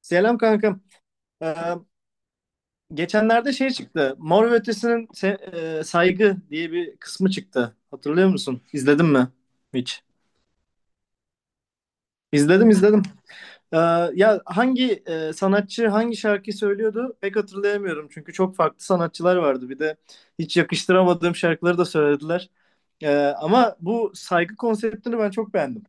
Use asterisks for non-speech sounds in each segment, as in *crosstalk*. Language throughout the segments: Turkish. Selam kankam. Ee, Geçenlerde çıktı. Mor ve Ötesi'nin Saygı diye bir kısmı çıktı. Hatırlıyor musun? İzledin mi hiç? İzledim, izledim. Ee, Ya hangi sanatçı hangi şarkıyı söylüyordu pek hatırlayamıyorum. Çünkü çok farklı sanatçılar vardı. Bir de hiç yakıştıramadığım şarkıları da söylediler. Ama bu saygı konseptini ben çok beğendim.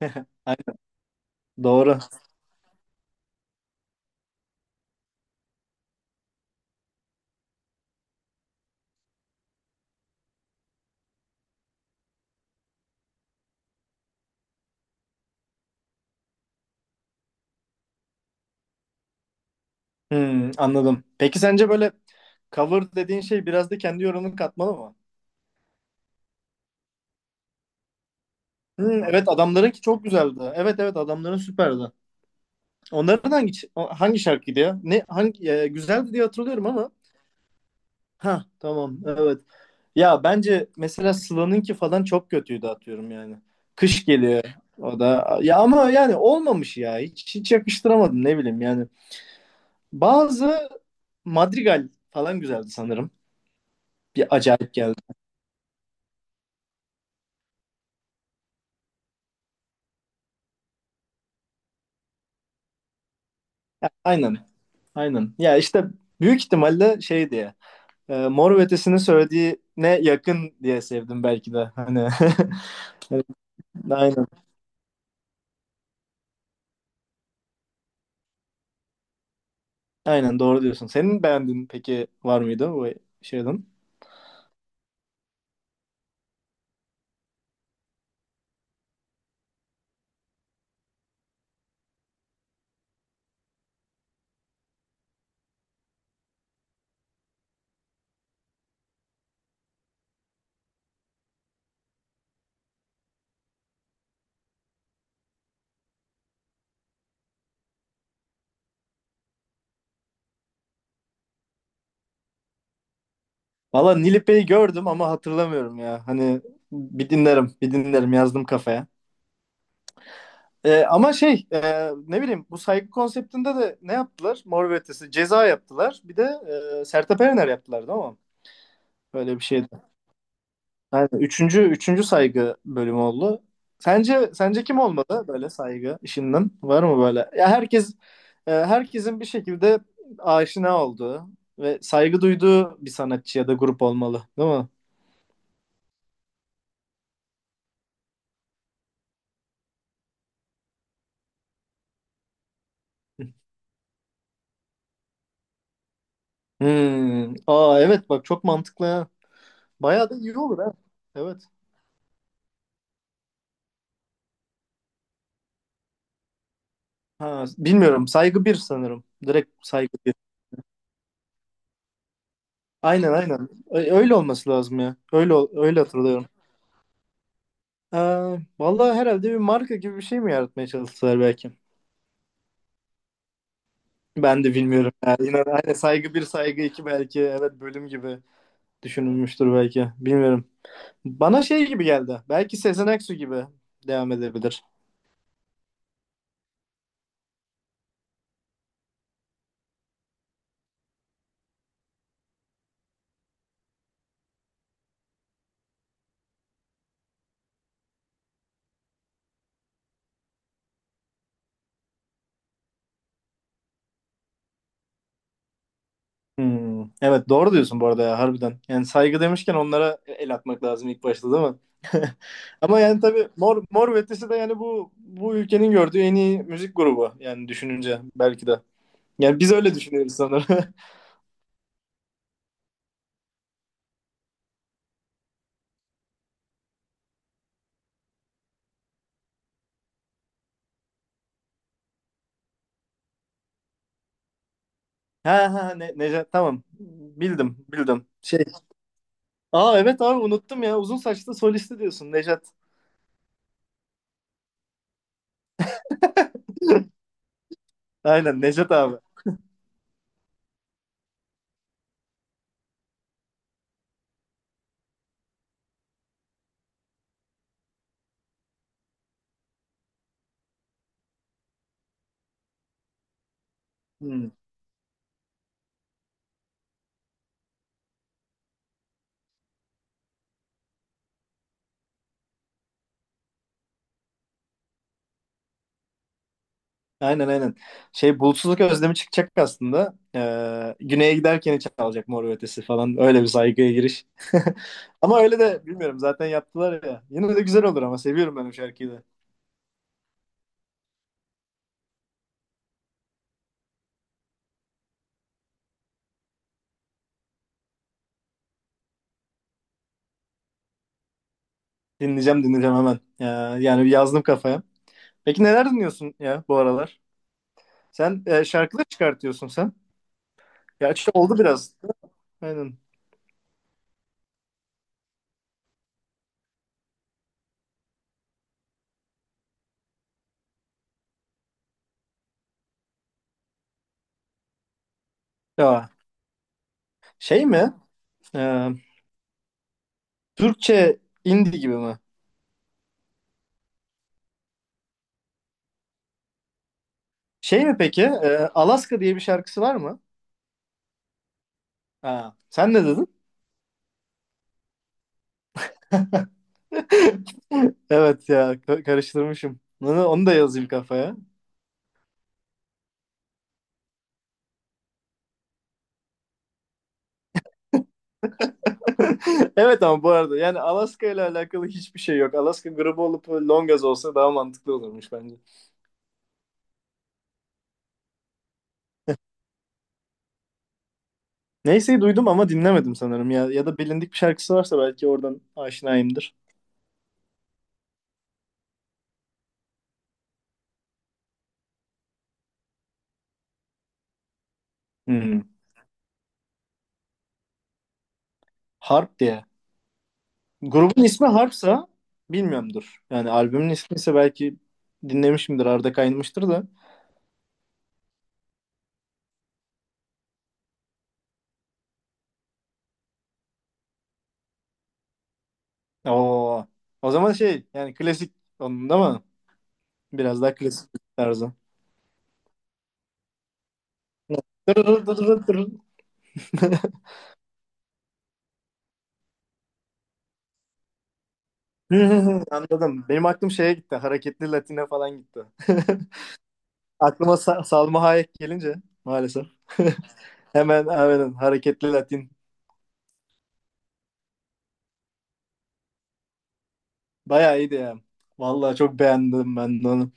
*laughs* Doğru. Hmm, anladım. Peki sence böyle cover dediğin şey biraz da kendi yorumunu katmalı mı? Hı, evet adamlarınki çok güzeldi. Evet evet, adamların süperdi. Onların hangi şarkıydı ya? Ne hangi güzeldi diye hatırlıyorum ama. Ha tamam evet. Ya bence mesela Sıla'nınki falan çok kötüydü atıyorum yani. Kış geliyor o da. Ya ama yani olmamış ya. Hiç yakıştıramadım ne bileyim yani. Bazı Madrigal falan güzeldi sanırım. Bir acayip geldi. Aynen. Aynen. Ya işte büyük ihtimalle şeydi ya. Mor ve Ötesi'nin söylediğine yakın diye sevdim belki de. Hani *laughs* aynen. Aynen doğru diyorsun. Senin beğendiğin peki var mıydı bu şeyden? Valla Nilipe'yi gördüm ama hatırlamıyorum ya. Hani bir dinlerim, bir dinlerim, yazdım kafaya. E, ama şey ne bileyim bu saygı konseptinde de ne yaptılar? Mor ve Ötesi ceza yaptılar. Bir de Sertab Erener yaptılar değil mi? Böyle bir şey. Yani üçüncü saygı bölümü oldu. Sence kim olmalı böyle saygı işinden? Var mı böyle? Ya herkes herkesin bir şekilde aşina olduğu ve saygı duyduğu bir sanatçı ya da grup olmalı, değil mi? Hmm. Aa evet, bak çok mantıklı. Ha. Bayağı da iyi olur ha. Evet. Ha, bilmiyorum. Saygı bir sanırım. Direkt saygı bir. Aynen aynen. Öyle olması lazım ya. Öyle hatırlıyorum. Ee, Vallahi herhalde bir marka gibi bir şey mi yaratmaya çalıştılar belki? Ben de bilmiyorum. Yani inan, hani saygı bir saygı iki belki. Evet, bölüm gibi düşünülmüştür belki. Bilmiyorum. Bana şey gibi geldi. Belki Sezen Aksu gibi devam edebilir. Hmm. Evet doğru diyorsun bu arada ya, harbiden. Yani saygı demişken onlara el atmak lazım ilk başta değil mi? *laughs* Ama yani tabii Mor ve Ötesi de yani bu bu ülkenin gördüğü en iyi müzik grubu yani düşününce belki de. Yani biz öyle düşünüyoruz sanırım. *laughs* Ha ha ne, Necat tamam, bildim. Şey Aa evet abi, unuttum ya. Uzun saçlı solisti diyorsun, Nejat. Aynen Nejat abi. Hmm. Aynen aynen. Şey Bulutsuzluk Özlemi çıkacak aslında. Güneye giderken çalacak Mor ve Ötesi falan. Öyle bir saygıya giriş. *laughs* Ama öyle de bilmiyorum zaten yaptılar ya. Yine de güzel olur ama seviyorum ben o şarkıyı da. Dinleyeceğim hemen. Yani bir yazdım kafaya. Peki neler dinliyorsun ya bu aralar? Sen şarkılar çıkartıyorsun sen. Gerçi oldu biraz. Aynen. Ya şey mi? Ee, Türkçe indie gibi mi? Şey mi peki? Alaska diye bir şarkısı var mı? Ha, sen ne dedin? *laughs* Evet ya, karıştırmışım. Onu da yazayım kafaya. *laughs* Evet ama bu arada yani Alaska ile alakalı hiçbir şey yok. Alaska grubu olup Longaz olsa daha mantıklı olurmuş bence. Neyse duydum ama dinlemedim sanırım ya. Ya da bilindik bir şarkısı varsa belki oradan aşinayımdır. Hmm. Harp diye. Grubun ismi Harpsa bilmiyorumdur. Yani albümün ismi ise belki dinlemişimdir. Arda kaynamıştır da. Oo. O zaman şey yani klasik onun değil mi? Biraz daha klasik tarzı. Dırırır dırırır dırırır. *laughs* Anladım. Benim aklım şeye gitti. Hareketli Latine falan gitti. *laughs* Aklıma Salma Hayek gelince maalesef. *laughs* Hemen hareketli Latin. Bayağı iyiydi ya. Vallahi çok beğendim ben de onu.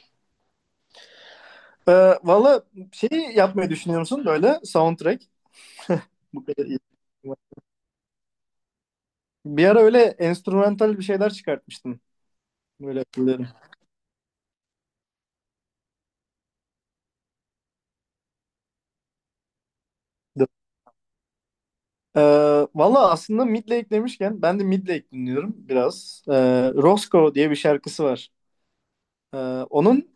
Ee, Valla şey yapmayı düşünüyor musun böyle soundtrack? Bu kadar iyi. Bir ara öyle enstrümantal bir şeyler çıkartmıştım. Böyle hatırlıyorum. Ee, Valla aslında Midlake demişken ben de Midlake dinliyorum biraz. Roscoe diye bir şarkısı var. Ee, Onun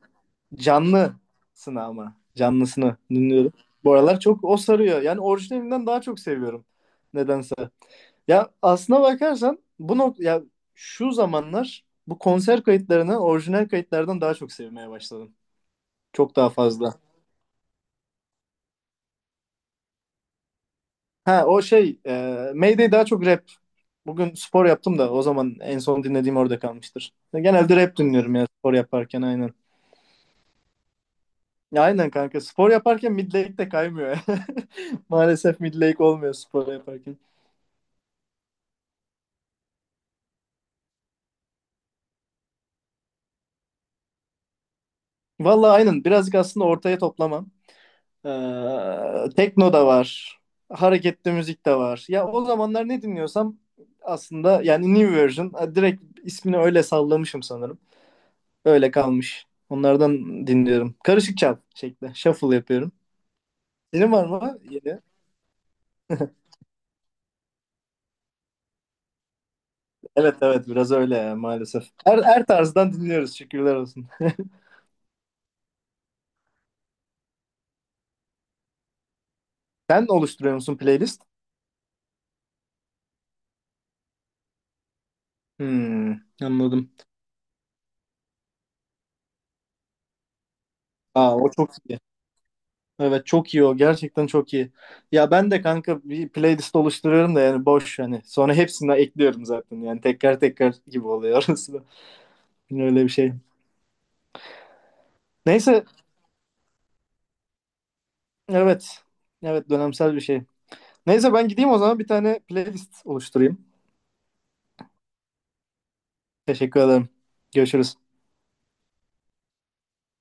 canlısını, ama canlısını dinliyorum. Bu aralar çok o sarıyor. Yani orijinalinden daha çok seviyorum nedense. Ya aslına bakarsan bu nok ya şu zamanlar bu konser kayıtlarını orijinal kayıtlardan daha çok sevmeye başladım. Çok daha fazla. Ha o şey Mayday daha çok rap. Bugün spor yaptım da, o zaman en son dinlediğim orada kalmıştır. Genelde rap dinliyorum ya spor yaparken, aynen. Ya aynen kanka, spor yaparken Midlake de kaymıyor. *laughs* Maalesef Midlake olmuyor spor yaparken. Vallahi aynen, birazcık aslında ortaya toplamam. Tekno da var. Hareketli müzik de var. Ya o zamanlar ne dinliyorsam aslında, yani New Version direkt ismini öyle sallamışım sanırım. Öyle kalmış. Onlardan dinliyorum. Karışık çal şekli. Shuffle yapıyorum. Senin var mı yeni? Evet evet biraz öyle ya, maalesef. Her tarzdan dinliyoruz şükürler olsun. *laughs* Sen oluşturuyor musun playlist? Hmm, anladım. Aa o çok iyi. Evet çok iyi, o gerçekten çok iyi. Ya ben de kanka bir playlist oluşturuyorum da yani boş hani. Sonra hepsini ekliyorum zaten, yani tekrar tekrar gibi oluyor *laughs* orası da. Öyle bir şey. Neyse, evet. Evet, dönemsel bir şey. Neyse ben gideyim o zaman, bir tane playlist oluşturayım. Teşekkür ederim. Görüşürüz.